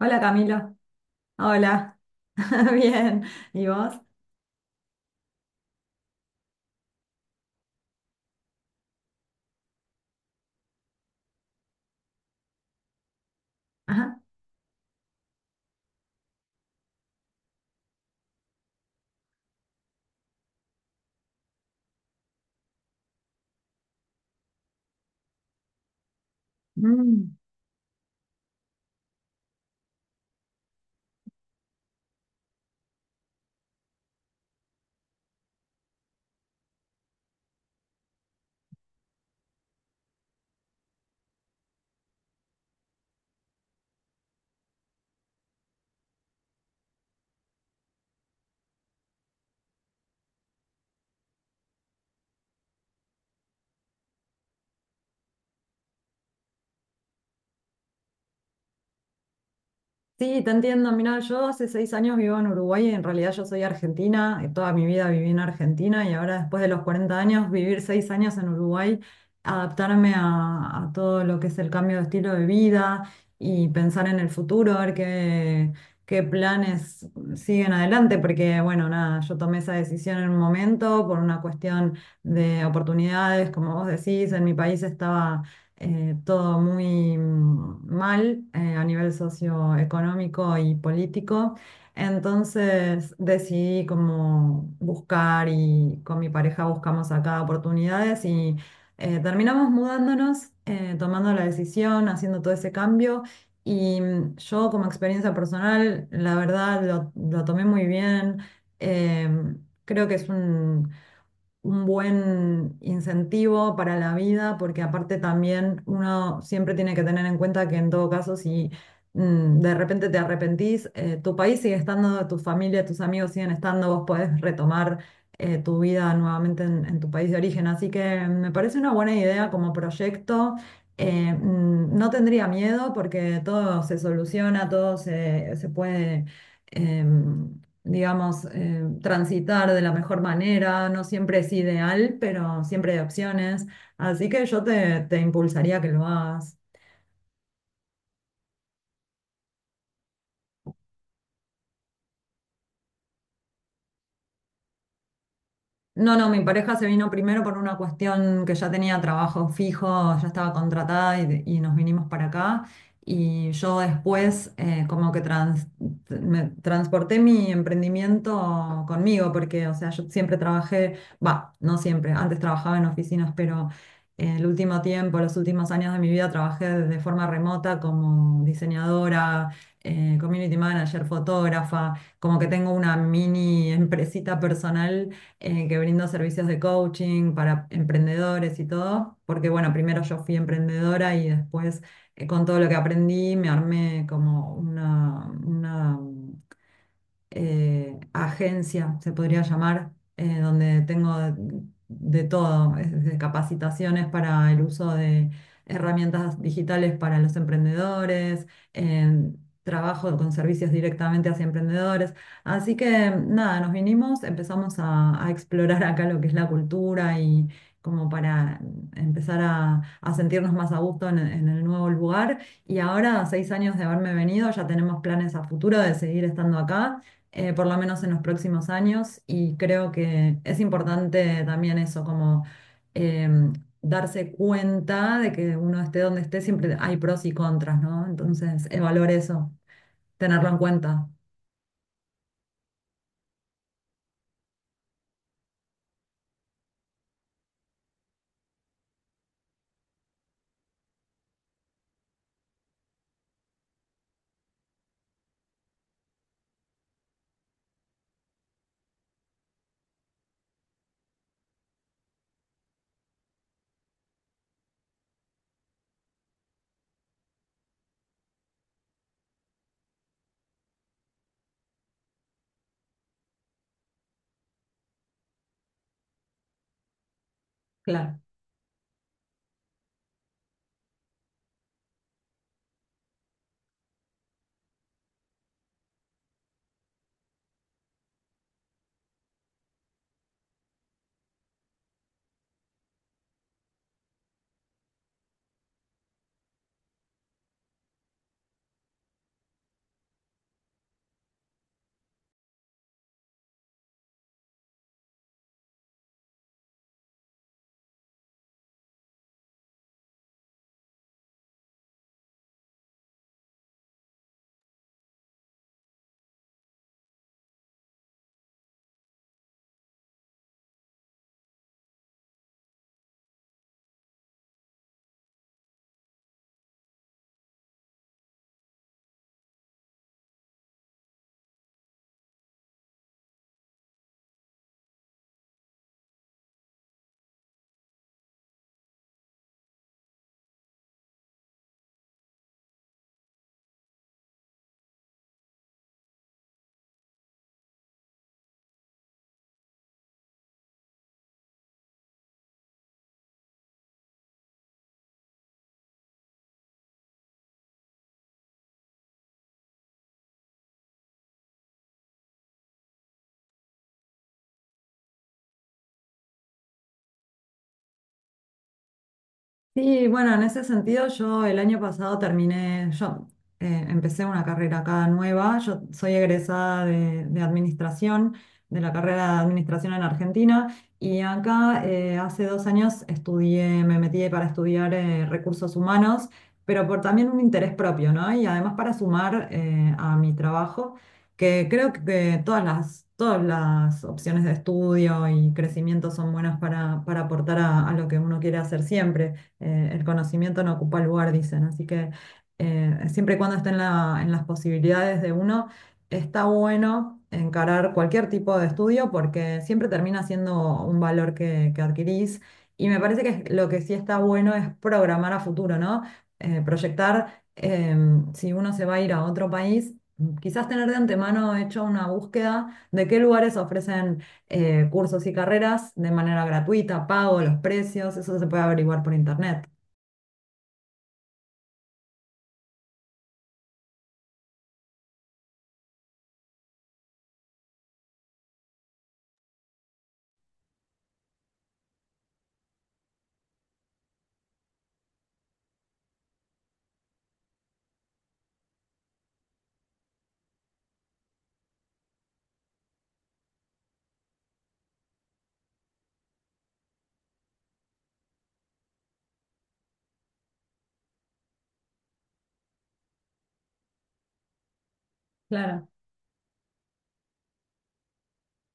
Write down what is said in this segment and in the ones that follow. Hola Camilo, hola, bien, ¿y vos? Ajá. Mm. Sí, te entiendo. Mira, yo hace 6 años vivo en Uruguay y en realidad yo soy argentina. Toda mi vida viví en Argentina y ahora después de los 40 años, vivir 6 años en Uruguay, adaptarme a todo lo que es el cambio de estilo de vida y pensar en el futuro, a ver qué planes siguen adelante, porque bueno, nada, yo tomé esa decisión en un momento por una cuestión de oportunidades, como vos decís. En mi país estaba todo muy mal a nivel socioeconómico y político. Entonces decidí como buscar y con mi pareja buscamos acá oportunidades y terminamos mudándonos, tomando la decisión, haciendo todo ese cambio. Y yo como experiencia personal, la verdad lo tomé muy bien. Em, Creo que es un buen incentivo para la vida, porque aparte también uno siempre tiene que tener en cuenta que en todo caso, si de repente te arrepentís, tu país sigue estando, tu familia, tus amigos siguen estando, vos podés retomar tu vida nuevamente en tu país de origen. Así que me parece una buena idea como proyecto. No tendría miedo porque todo se soluciona, todo se puede em, digamos, transitar de la mejor manera. No siempre es ideal, pero siempre hay opciones. Así que yo te impulsaría a que lo hagas. No, no, mi pareja se vino primero por una cuestión que ya tenía trabajo fijo, ya estaba contratada y nos vinimos para acá. Y yo después como que me transporté mi emprendimiento conmigo, porque, o sea, yo siempre trabajé, va, no siempre, antes trabajaba en oficinas, pero el último tiempo, los últimos años de mi vida trabajé de forma remota como diseñadora, community manager, fotógrafa, como que tengo una mini empresita personal que brindo servicios de coaching para emprendedores y todo, porque bueno, primero yo fui emprendedora y después con todo lo que aprendí me armé como una agencia, se podría llamar, donde tengo de todo, desde capacitaciones para el uso de herramientas digitales para los emprendedores, eh, trabajo con servicios directamente hacia emprendedores. Así que nada, nos vinimos, empezamos a explorar acá lo que es la cultura y como para empezar a sentirnos más a gusto en el nuevo lugar. Y ahora, a 6 años de haberme venido, ya tenemos planes a futuro de seguir estando acá por lo menos en los próximos años, y creo que es importante también eso, como em, darse cuenta de que uno esté donde esté, siempre hay pros y contras, ¿no? Entonces, evaluar eso, tenerlo en cuenta. Claro. Sí, bueno, en ese sentido yo el año pasado terminé, yo empecé una carrera acá nueva. Yo soy egresada de administración, de la carrera de administración en Argentina, y acá hace 2 años estudié, me metí para estudiar recursos humanos, pero por también un interés propio, ¿no? Y además para sumar a mi trabajo, que creo que todas todas las opciones de estudio y crecimiento son buenas para aportar a lo que uno quiere hacer siempre. El conocimiento no ocupa lugar, dicen. Así que siempre y cuando esté en las posibilidades de uno, está bueno encarar cualquier tipo de estudio porque siempre termina siendo un valor que adquirís. Y me parece que lo que sí está bueno es programar a futuro, ¿no? Proyectar si uno se va a ir a otro país, quizás tener de antemano hecho una búsqueda de qué lugares ofrecen cursos y carreras de manera gratuita, pago, los precios. Eso se puede averiguar por internet. Claro,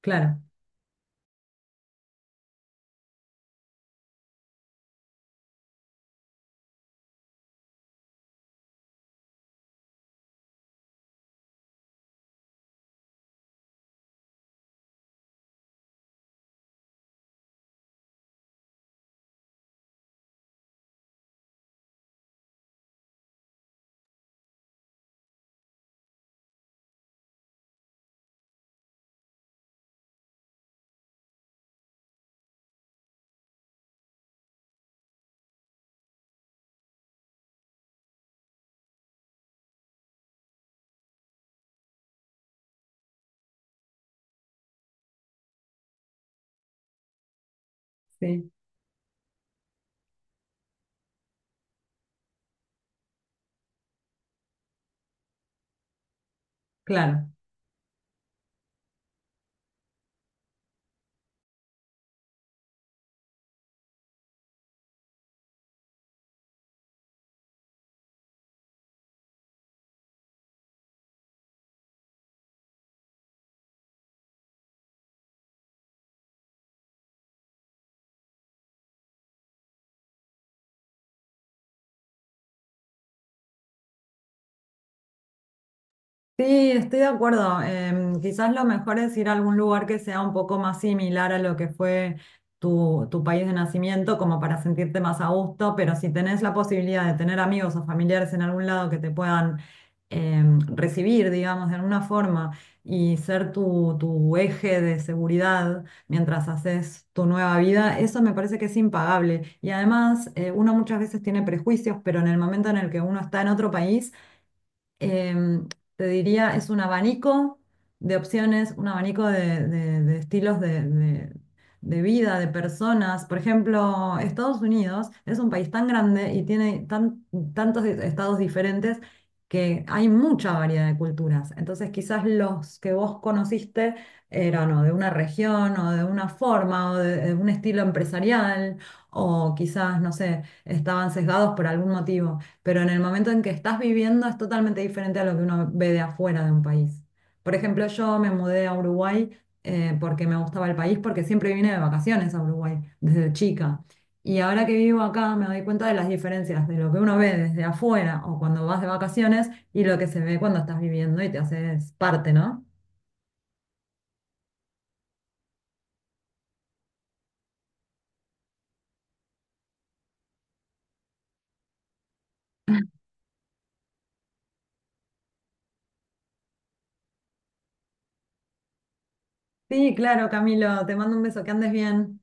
claro, sí, claro. Sí, estoy de acuerdo. Quizás lo mejor es ir a algún lugar que sea un poco más similar a lo que fue tu país de nacimiento, como para sentirte más a gusto, pero si tenés la posibilidad de tener amigos o familiares en algún lado que te puedan recibir, digamos, de alguna forma y ser tu eje de seguridad mientras haces tu nueva vida. Eso me parece que es impagable. Y además, uno muchas veces tiene prejuicios, pero en el momento en el que uno está en otro país, em, te diría, es un abanico de opciones, un abanico de estilos de vida, de personas. Por ejemplo, Estados Unidos es un país tan grande y tiene tantos estados diferentes que hay mucha variedad de culturas. Entonces, quizás los que vos conociste eran o de una región o de una forma de un estilo empresarial o quizás, no sé, estaban sesgados por algún motivo, pero en el momento en que estás viviendo es totalmente diferente a lo que uno ve de afuera de un país. Por ejemplo, yo me mudé a Uruguay porque me gustaba el país, porque siempre vine de vacaciones a Uruguay desde chica. Y ahora que vivo acá me doy cuenta de las diferencias de lo que uno ve desde afuera o cuando vas de vacaciones y lo que se ve cuando estás viviendo y te haces parte, ¿no? Sí, claro, Camilo, te mando un beso, que andes bien.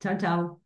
Chao, chao.